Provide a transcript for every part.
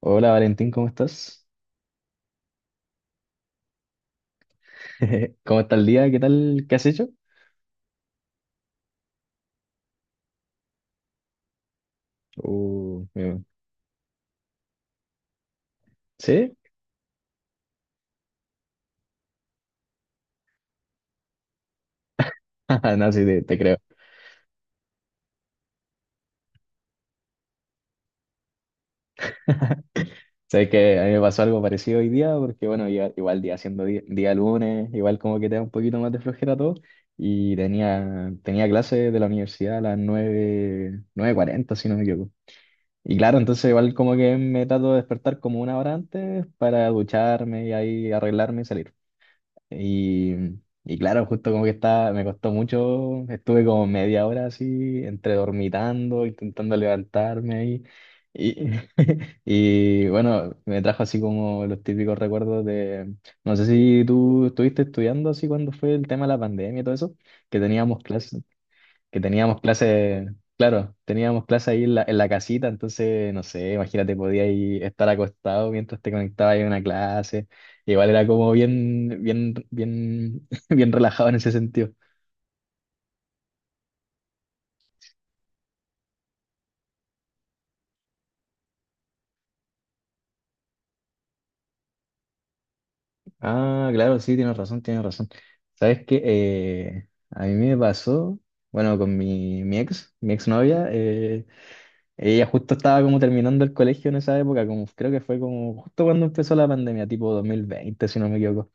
Hola Valentín, ¿cómo estás? ¿Cómo está el día? ¿Qué tal? ¿Qué has hecho? Uh, eh, ¿Sí? No, sí, te creo. Sabes que a mí me pasó algo parecido hoy día, porque bueno, igual día siendo día, lunes, igual como que te da un poquito más de flojera todo, y tenía clase de la universidad a las nueve cuarenta si no me equivoco. Y claro, entonces igual como que me trato de despertar como una hora antes para ducharme y ahí arreglarme y salir. Y, y claro, justo como que estaba, me costó mucho, estuve como media hora así, entre dormitando, intentando levantarme ahí. Y, y bueno, me trajo así como los típicos recuerdos de, no sé si tú estuviste estudiando así cuando fue el tema de la pandemia y todo eso, que teníamos clases, que teníamos clases, claro, teníamos clases ahí en la casita. Entonces, no sé, imagínate, podías ahí estar acostado mientras te conectabas ahí a una clase. Igual era como bien, bien, bien, bien relajado en ese sentido. Ah, claro, sí, tienes razón, tienes razón. ¿Sabes qué? A mí me pasó, bueno, con mi exnovia. Ella justo estaba como terminando el colegio en esa época, como creo que fue como justo cuando empezó la pandemia, tipo 2020 si no me equivoco.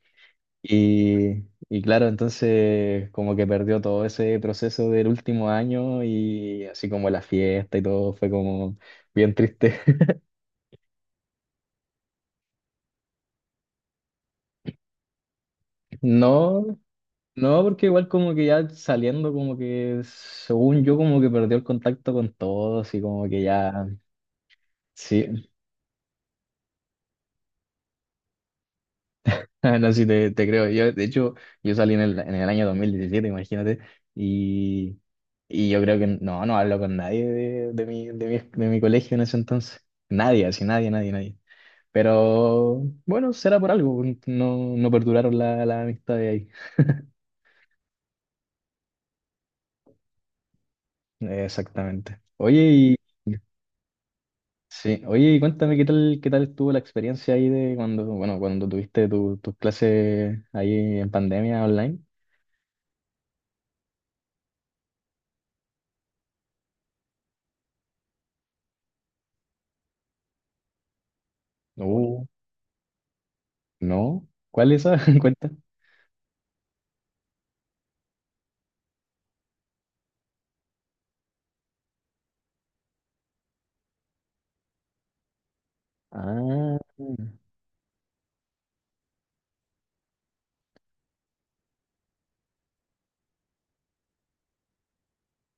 Y claro, entonces como que perdió todo ese proceso del último año y así como la fiesta y todo fue como bien triste. No, no, porque igual como que ya saliendo como que según yo como que perdió el contacto con todos y como que ya, sí, no sé si te creo. Yo, de hecho, yo salí en el año 2017, imagínate, y, y yo creo que no, no hablo con nadie de mi colegio en ese entonces. Nadie, así nadie, nadie, nadie. Pero bueno, será por algo, no, no perduraron la amistad de ahí. Exactamente. Sí, oye, y cuéntame qué tal estuvo la experiencia ahí de cuando, bueno, cuando tuviste tus clases ahí en pandemia online. Uh, no. ¿Cuál es esa? Cuenta. Ah,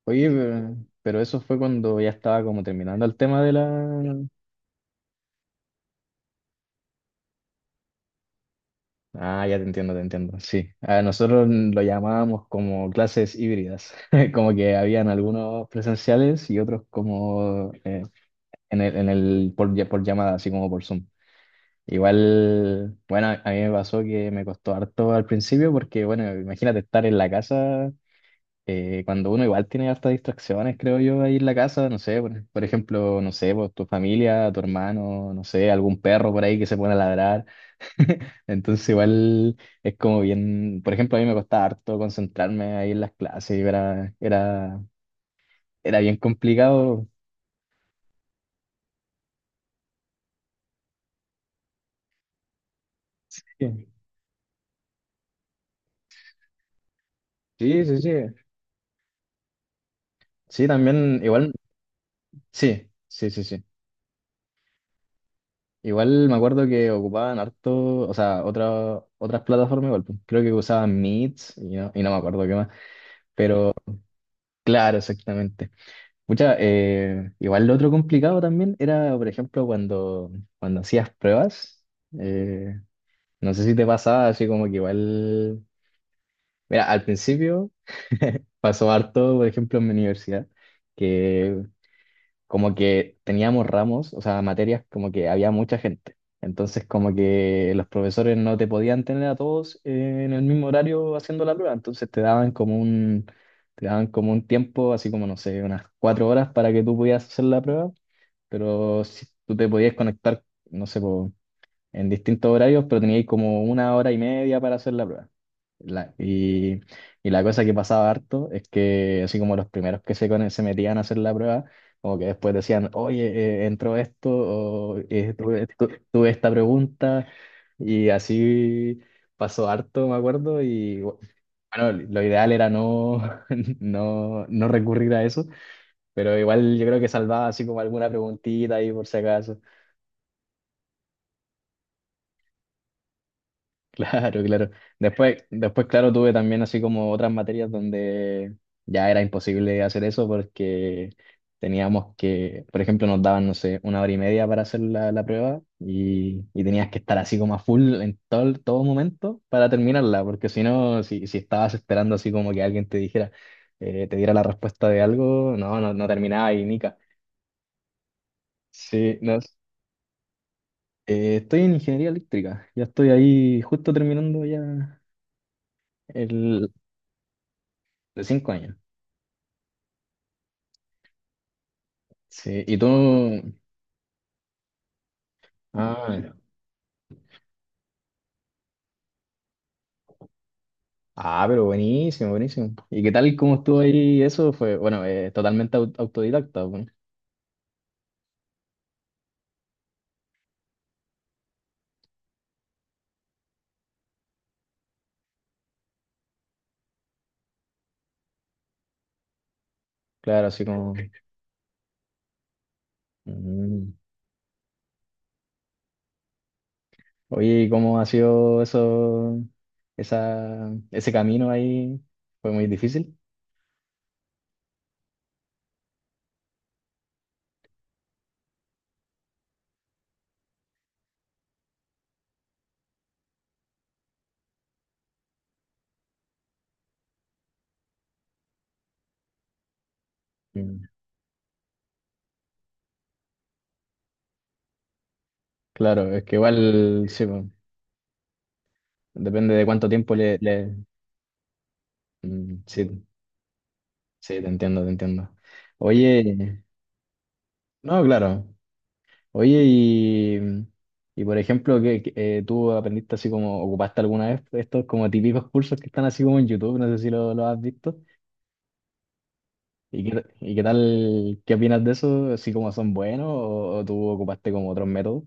oye, pero eso fue cuando ya estaba como terminando el tema de la. Ah, ya te entiendo, te entiendo. Sí, a nosotros lo llamábamos como clases híbridas, como que habían algunos presenciales y otros como en el por llamada, así como por Zoom. Igual, bueno, a mí me pasó que me costó harto al principio porque, bueno, imagínate estar en la casa, cuando uno igual tiene hartas distracciones, creo yo, ahí en la casa, no sé, por ejemplo, no sé, pues, tu familia, tu hermano, no sé, algún perro por ahí que se pone a ladrar. Entonces igual es como bien, por ejemplo, a mí me costaba harto concentrarme ahí en las clases, era bien complicado. Sí, sí, sí. Sí, sí, también, igual, sí, sí, sí, sí. Igual me acuerdo que ocupaban harto, o sea, otras plataformas igual, pues, creo que usaban Meet y no me acuerdo qué más, pero claro, exactamente. Igual lo otro complicado también era, por ejemplo, cuando hacías pruebas. eh, No sé si te pasaba así como que igual, mira, al principio pasó harto, por ejemplo, en mi universidad, que como que teníamos ramos, o sea, materias, como que había mucha gente. Entonces como que los profesores no te podían tener a todos en el mismo horario haciendo la prueba, entonces te daban como un tiempo, así como, no sé, unas 4 horas para que tú pudieras hacer la prueba, pero si tú te podías conectar, no sé, por en distintos horarios, pero teníais como una hora y media para hacer la prueba. La- y, y la cosa que pasaba harto es que así como los primeros que se metían a hacer la prueba, como que después decían, oye, entró esto, o tuve esta pregunta, y así pasó harto, me acuerdo, y bueno, lo ideal era no, no, no recurrir a eso, pero igual yo creo que salvaba así como alguna preguntita ahí por si acaso. Claro, claro. Después, después, claro, tuve también así como otras materias donde ya era imposible hacer eso porque teníamos que, por ejemplo, nos daban, no sé, una hora y media para hacer la prueba, y tenías que estar así como a full en todo, todo momento para terminarla, porque si no, si estabas esperando así como que alguien te dijera, te diera la respuesta de algo, no, no, no terminaba y nica. Sí, no. Estoy en ingeniería eléctrica, ya estoy ahí justo terminando ya. El, De 5 años. Sí, y tú... Ah, ah, pero buenísimo, buenísimo. ¿Y qué tal cómo estuvo ahí? Eso fue, bueno, totalmente autodidacta, pues. Claro, así como... Mm. Oye, ¿y cómo ha sido eso, ese camino ahí? ¿Fue muy difícil? Mm. Claro, es que igual, sí, pues, depende de cuánto tiempo Mm, sí, sí, te entiendo, te entiendo. Oye, no, claro. Oye, y, por ejemplo, ¿Tú aprendiste así como, ocupaste alguna vez estos como típicos cursos que están así como en YouTube? No sé si lo has visto. Y qué, tal, qué opinas de eso? ¿Así como son buenos, o tú ocupaste como otros métodos?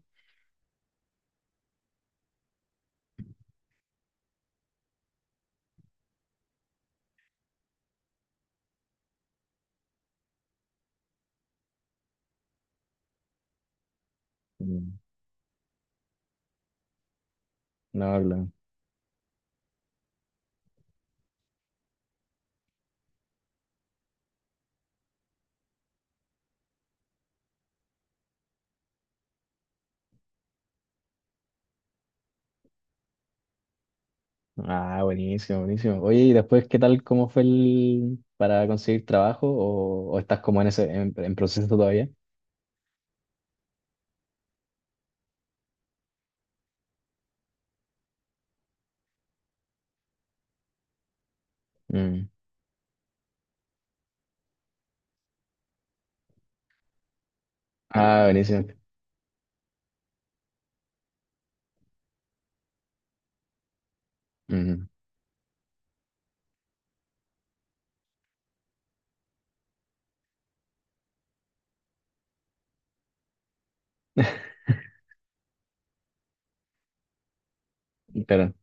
Mm, no, claro. Ah, buenísimo, buenísimo. Oye, y después, ¿qué tal, cómo fue el, para conseguir trabajo o estás como en en proceso todavía? Mm. Ah, buenísimo. Ujú. Claro.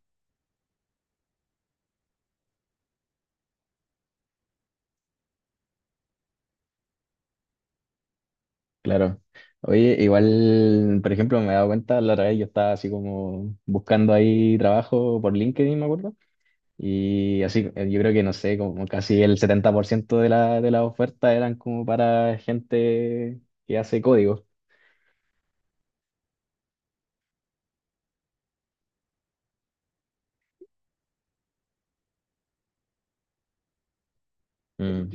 Claro. Oye, igual, por ejemplo, me he dado cuenta, la otra vez yo estaba así como buscando ahí trabajo por LinkedIn, me acuerdo, y así, yo creo que no sé, como casi el 70% de la, de las ofertas eran como para gente que hace código. Mm.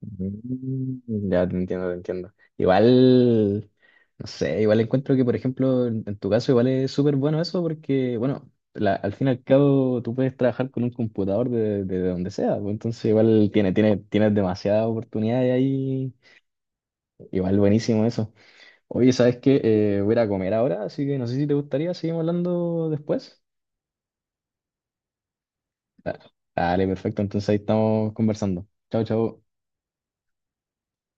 Mm, ya te entiendo, te entiendo. Igual, no sé, igual encuentro que, por ejemplo, en tu caso igual es súper bueno eso porque, bueno, al fin y al cabo tú puedes trabajar con un computador de donde sea, pues, entonces igual tienes demasiadas oportunidades ahí, igual buenísimo eso. Oye, ¿sabes qué? Voy a ir a comer ahora, así que no sé si te gustaría, seguimos hablando después. Da- Dale, perfecto, entonces ahí estamos conversando. Chao, chao.